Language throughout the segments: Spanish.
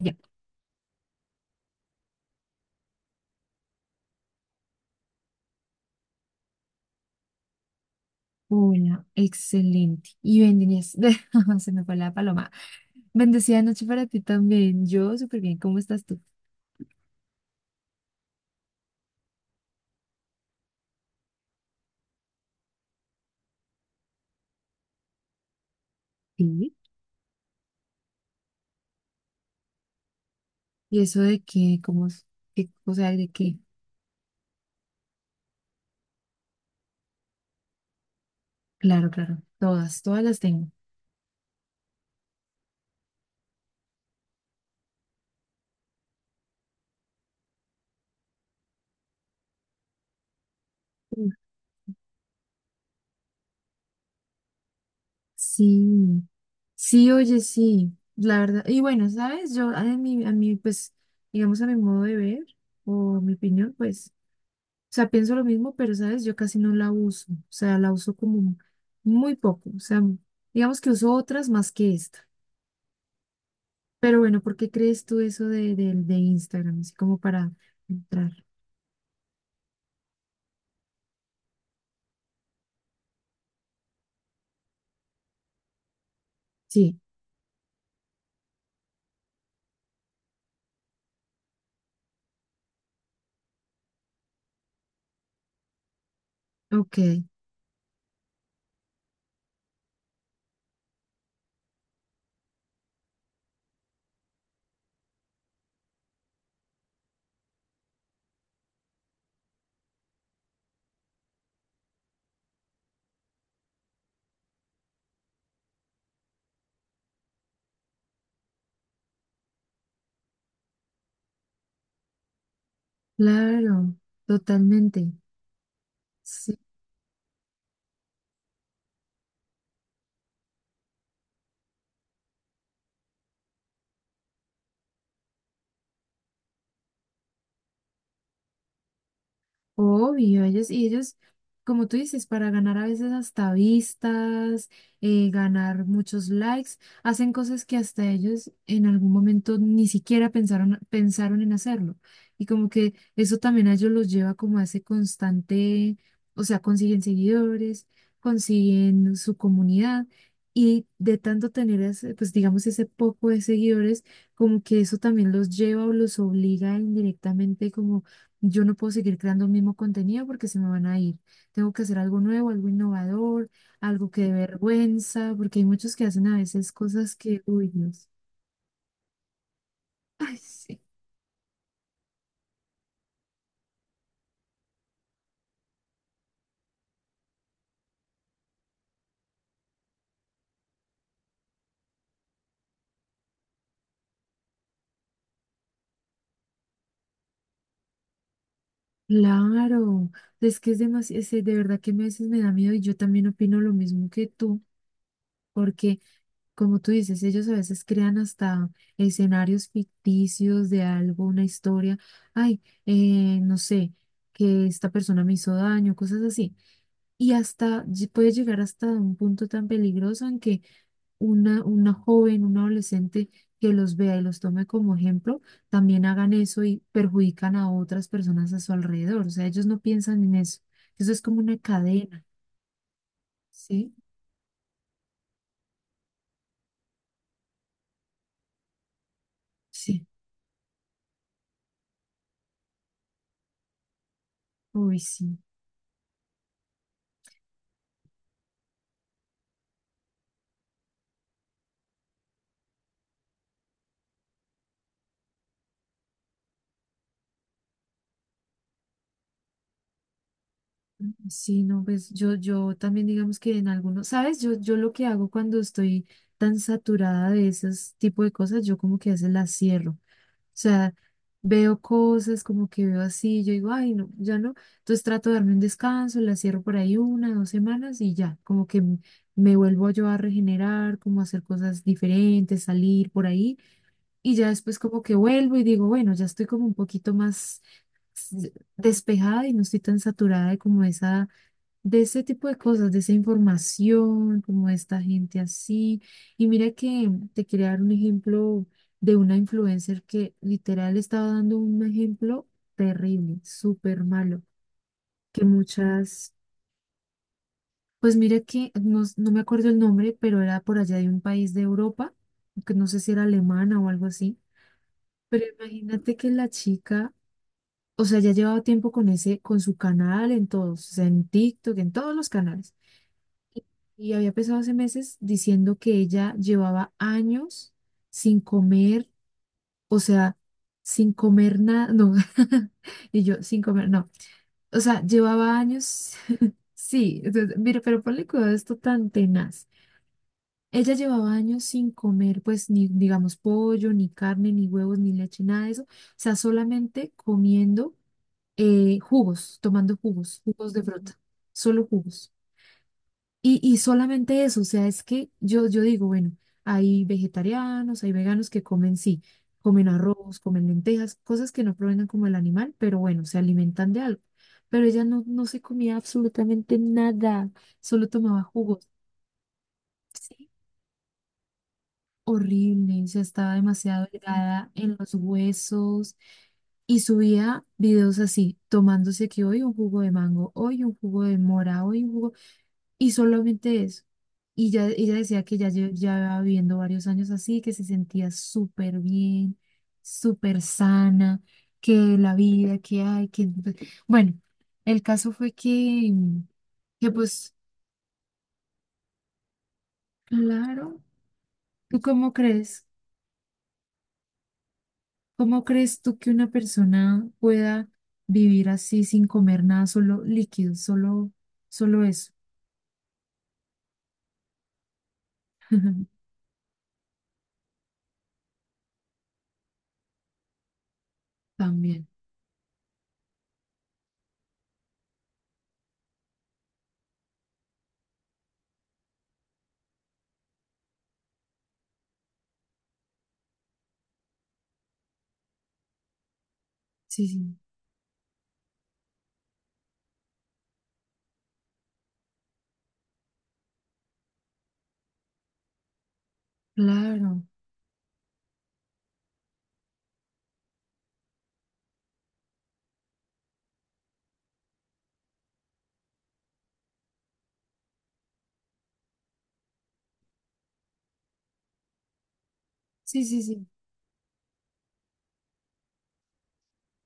Ya. Hola, excelente. Y bendiciones. Se me fue la paloma. Bendecida noche para ti también. Yo súper bien. ¿Cómo estás tú? Sí. ¿Y eso de qué? ¿Cómo es? ¿Qué cosa hay de qué? Claro, claro. Todas las tengo. Mm. Sí, sí, oye, sí. La verdad. Y bueno, ¿sabes? Yo, a mí, pues, digamos, a mi modo de ver o mi opinión, pues. Sea, pienso lo mismo, pero sabes, yo casi no la uso, o sea, la uso como muy poco, o sea, digamos que uso otras más que esta. Pero bueno, ¿por qué crees tú eso de Instagram? Así como para entrar. Sí, ok, claro, totalmente. Sí. Obvio, ellos, como tú dices, para ganar a veces hasta vistas, ganar muchos likes, hacen cosas que hasta ellos en algún momento ni siquiera pensaron, pensaron en hacerlo. Y como que eso también a ellos los lleva como a ese constante, o sea, consiguen seguidores, consiguen su comunidad. Y de tanto tener ese, pues, digamos, ese poco de seguidores, como que eso también los lleva o los obliga indirectamente como: yo no puedo seguir creando el mismo contenido porque se me van a ir. Tengo que hacer algo nuevo, algo innovador, algo que dé vergüenza, porque hay muchos que hacen a veces cosas que, uy, Dios. Ay, sí. Claro, es que es demasiado, de verdad que a veces me da miedo y yo también opino lo mismo que tú, porque, como tú dices, ellos a veces crean hasta escenarios ficticios de algo, una historia, ay, no sé, que esta persona me hizo daño, cosas así. Y hasta puede llegar hasta un punto tan peligroso en que una joven, un adolescente que los vea y los tome como ejemplo, también hagan eso y perjudican a otras personas a su alrededor. O sea, ellos no piensan en eso. Eso es como una cadena, ¿sí? Sí. Uy, sí. Sí, no, pues yo también digamos que en algunos, ¿sabes? Yo lo que hago cuando estoy tan saturada de esos tipo de cosas, yo como que a veces las cierro. Sea, veo cosas como que veo así, yo digo, ay, no, ya no. Entonces trato de darme un descanso, la cierro por ahí una, dos semanas y ya, como que me vuelvo yo a regenerar, como a hacer cosas diferentes, salir por ahí, y ya después como que vuelvo y digo, bueno, ya estoy como un poquito más despejada y no estoy tan saturada de como esa, de ese tipo de cosas, de esa información, como de esta gente así. Y mira que te quería dar un ejemplo de una influencer que literal estaba dando un ejemplo terrible, súper malo, que muchas, pues mira que no me acuerdo el nombre, pero era por allá de un país de Europa, que no sé si era alemana o algo así. Pero imagínate que la chica, o sea, ya llevaba tiempo con ese, con su canal en todos, o sea, en TikTok, en todos los canales. Y y había empezado hace meses diciendo que ella llevaba años sin comer, o sea, sin comer nada, no, y yo sin comer, no, o sea, llevaba años, sí, entonces, mira, pero ponle cuidado a esto tan tenaz. Ella llevaba años sin comer, pues, ni, digamos, pollo, ni carne, ni huevos, ni leche, nada de eso, o sea, solamente comiendo jugos, tomando jugos, jugos de fruta, solo jugos. Y solamente eso, o sea, es que yo digo, bueno, hay vegetarianos, hay veganos que comen, sí, comen arroz, comen lentejas, cosas que no provengan como el animal, pero bueno, se alimentan de algo. Pero ella no, no se comía absolutamente nada, solo tomaba jugos. Sí, horrible, o sea, estaba demasiado delgada, en los huesos, y subía videos así, tomándose que hoy un jugo de mango, hoy un jugo de mora, hoy un jugo. Y solamente eso. Y ya, ella decía que ya llevaba viviendo varios años así, que se sentía súper bien, súper sana, que la vida que hay, que... pues, bueno, el caso fue que pues, claro, ¿tú cómo crees? ¿Cómo crees tú que una persona pueda vivir así sin comer nada, solo líquidos, solo, solo eso? También. Sí, sí, claro. Sí, sí, sí.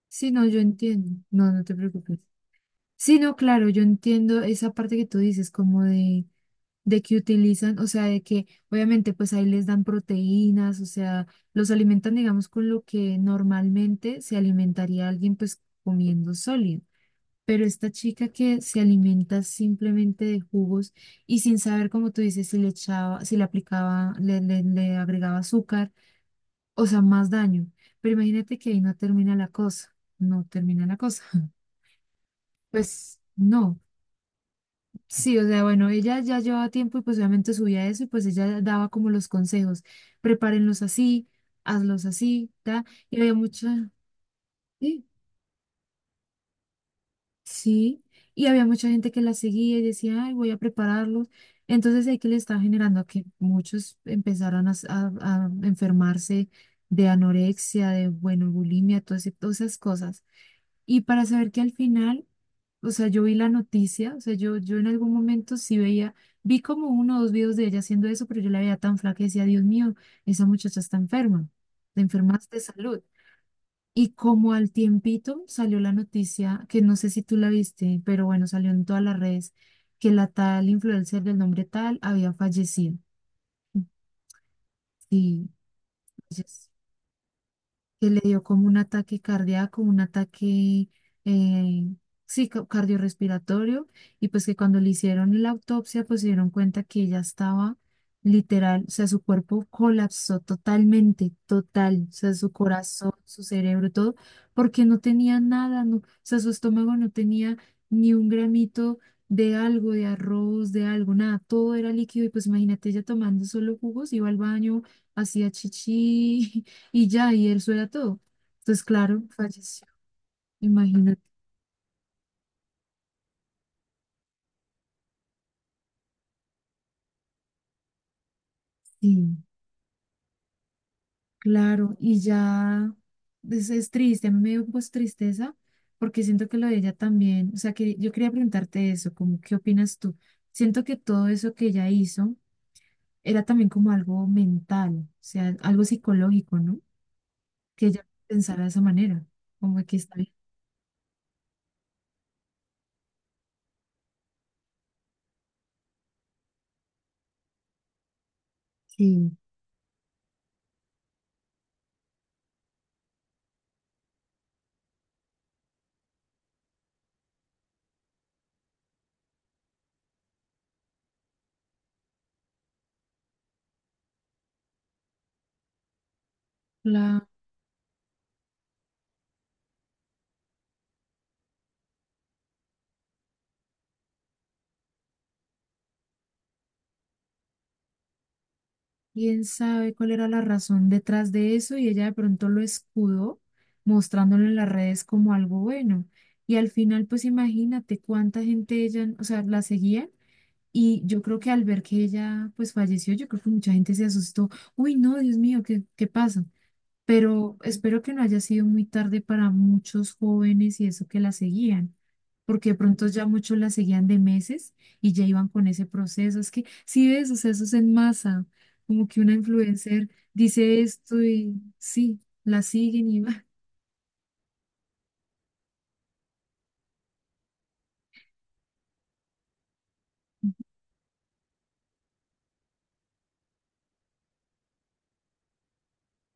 Sí, no, yo entiendo. No, no te preocupes. Sí, no, claro, yo entiendo esa parte que tú dices, como de que utilizan, o sea, de que obviamente pues ahí les dan proteínas, o sea, los alimentan, digamos, con lo que normalmente se alimentaría alguien pues comiendo sólido. Pero esta chica que se alimenta simplemente de jugos, o sea, más daño. Pero imagínate que ahí no termina la cosa, no termina la cosa. Pues no, sí, o sea, bueno, ella ya llevaba tiempo y pues obviamente subía eso y pues ella daba como los consejos: prepárenlos así, hazlos así, ta, y había mucha, sí, sí, y había mucha gente que la seguía y decía, ay, voy a prepararlos. Entonces ahí que le estaba generando a que muchos empezaron a enfermarse de anorexia, de, bueno, bulimia, todas esas cosas. Y para saber que al final, o sea, yo vi la noticia, o sea, yo en algún momento sí veía, vi como uno o dos videos de ella haciendo eso, pero yo la veía tan flaca y decía, Dios mío, esa muchacha está enferma, te enfermas de salud. Y como al tiempito salió la noticia, que no sé si tú la viste, pero bueno, salió en todas las redes, que la tal influencer del nombre tal había fallecido. Sí, fallecido. Que le dio como un ataque cardíaco, un ataque, eh, sí, cardiorrespiratorio, y pues que cuando le hicieron la autopsia, pues se dieron cuenta que ella estaba literal, o sea, su cuerpo colapsó totalmente, total, o sea, su corazón, su cerebro, todo, porque no tenía nada, no, o sea, su estómago no tenía ni un gramito de algo, de arroz, de algo, nada, todo era líquido, y pues imagínate ella tomando solo jugos, iba al baño, hacía chichi, y ya, y eso era todo. Entonces, claro, falleció. Imagínate, sí, claro. Y ya, es triste, a mí me dio pues tristeza, porque siento que lo de ella también, o sea, que yo quería preguntarte eso, como, ¿qué opinas tú? Siento que todo eso que ella hizo era también como algo mental, o sea, algo psicológico, ¿no? Que ella pensara de esa manera, como que está bien. Sí, claro. Quién sabe cuál era la razón detrás de eso y ella de pronto lo escudó mostrándolo en las redes como algo bueno. Y al final, pues imagínate cuánta gente ella, o sea, la seguía y yo creo que al ver que ella pues falleció, yo creo que mucha gente se asustó. Uy, no, Dios mío, ¿qué, qué pasa? Pero espero que no haya sido muy tarde para muchos jóvenes y eso que la seguían, porque de pronto ya muchos la seguían de meses y ya iban con ese proceso. Es que sí ves, o sea, eso es en masa, como que una influencer dice esto y sí, la siguen y va.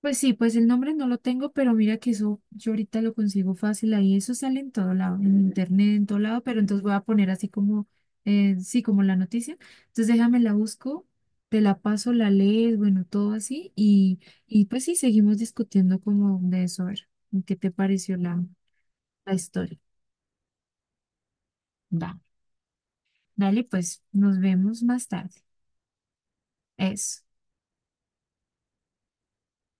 Pues sí, pues el nombre no lo tengo, pero mira que eso yo ahorita lo consigo fácil ahí, eso sale en todo lado, en internet, en todo lado, pero entonces voy a poner así como, sí, como la noticia. Entonces déjame la busco, te la paso, la lees, bueno, todo así, y pues sí, seguimos discutiendo como de eso, a ver, ¿qué te pareció la, la historia? Va, dale, pues nos vemos más tarde. Eso.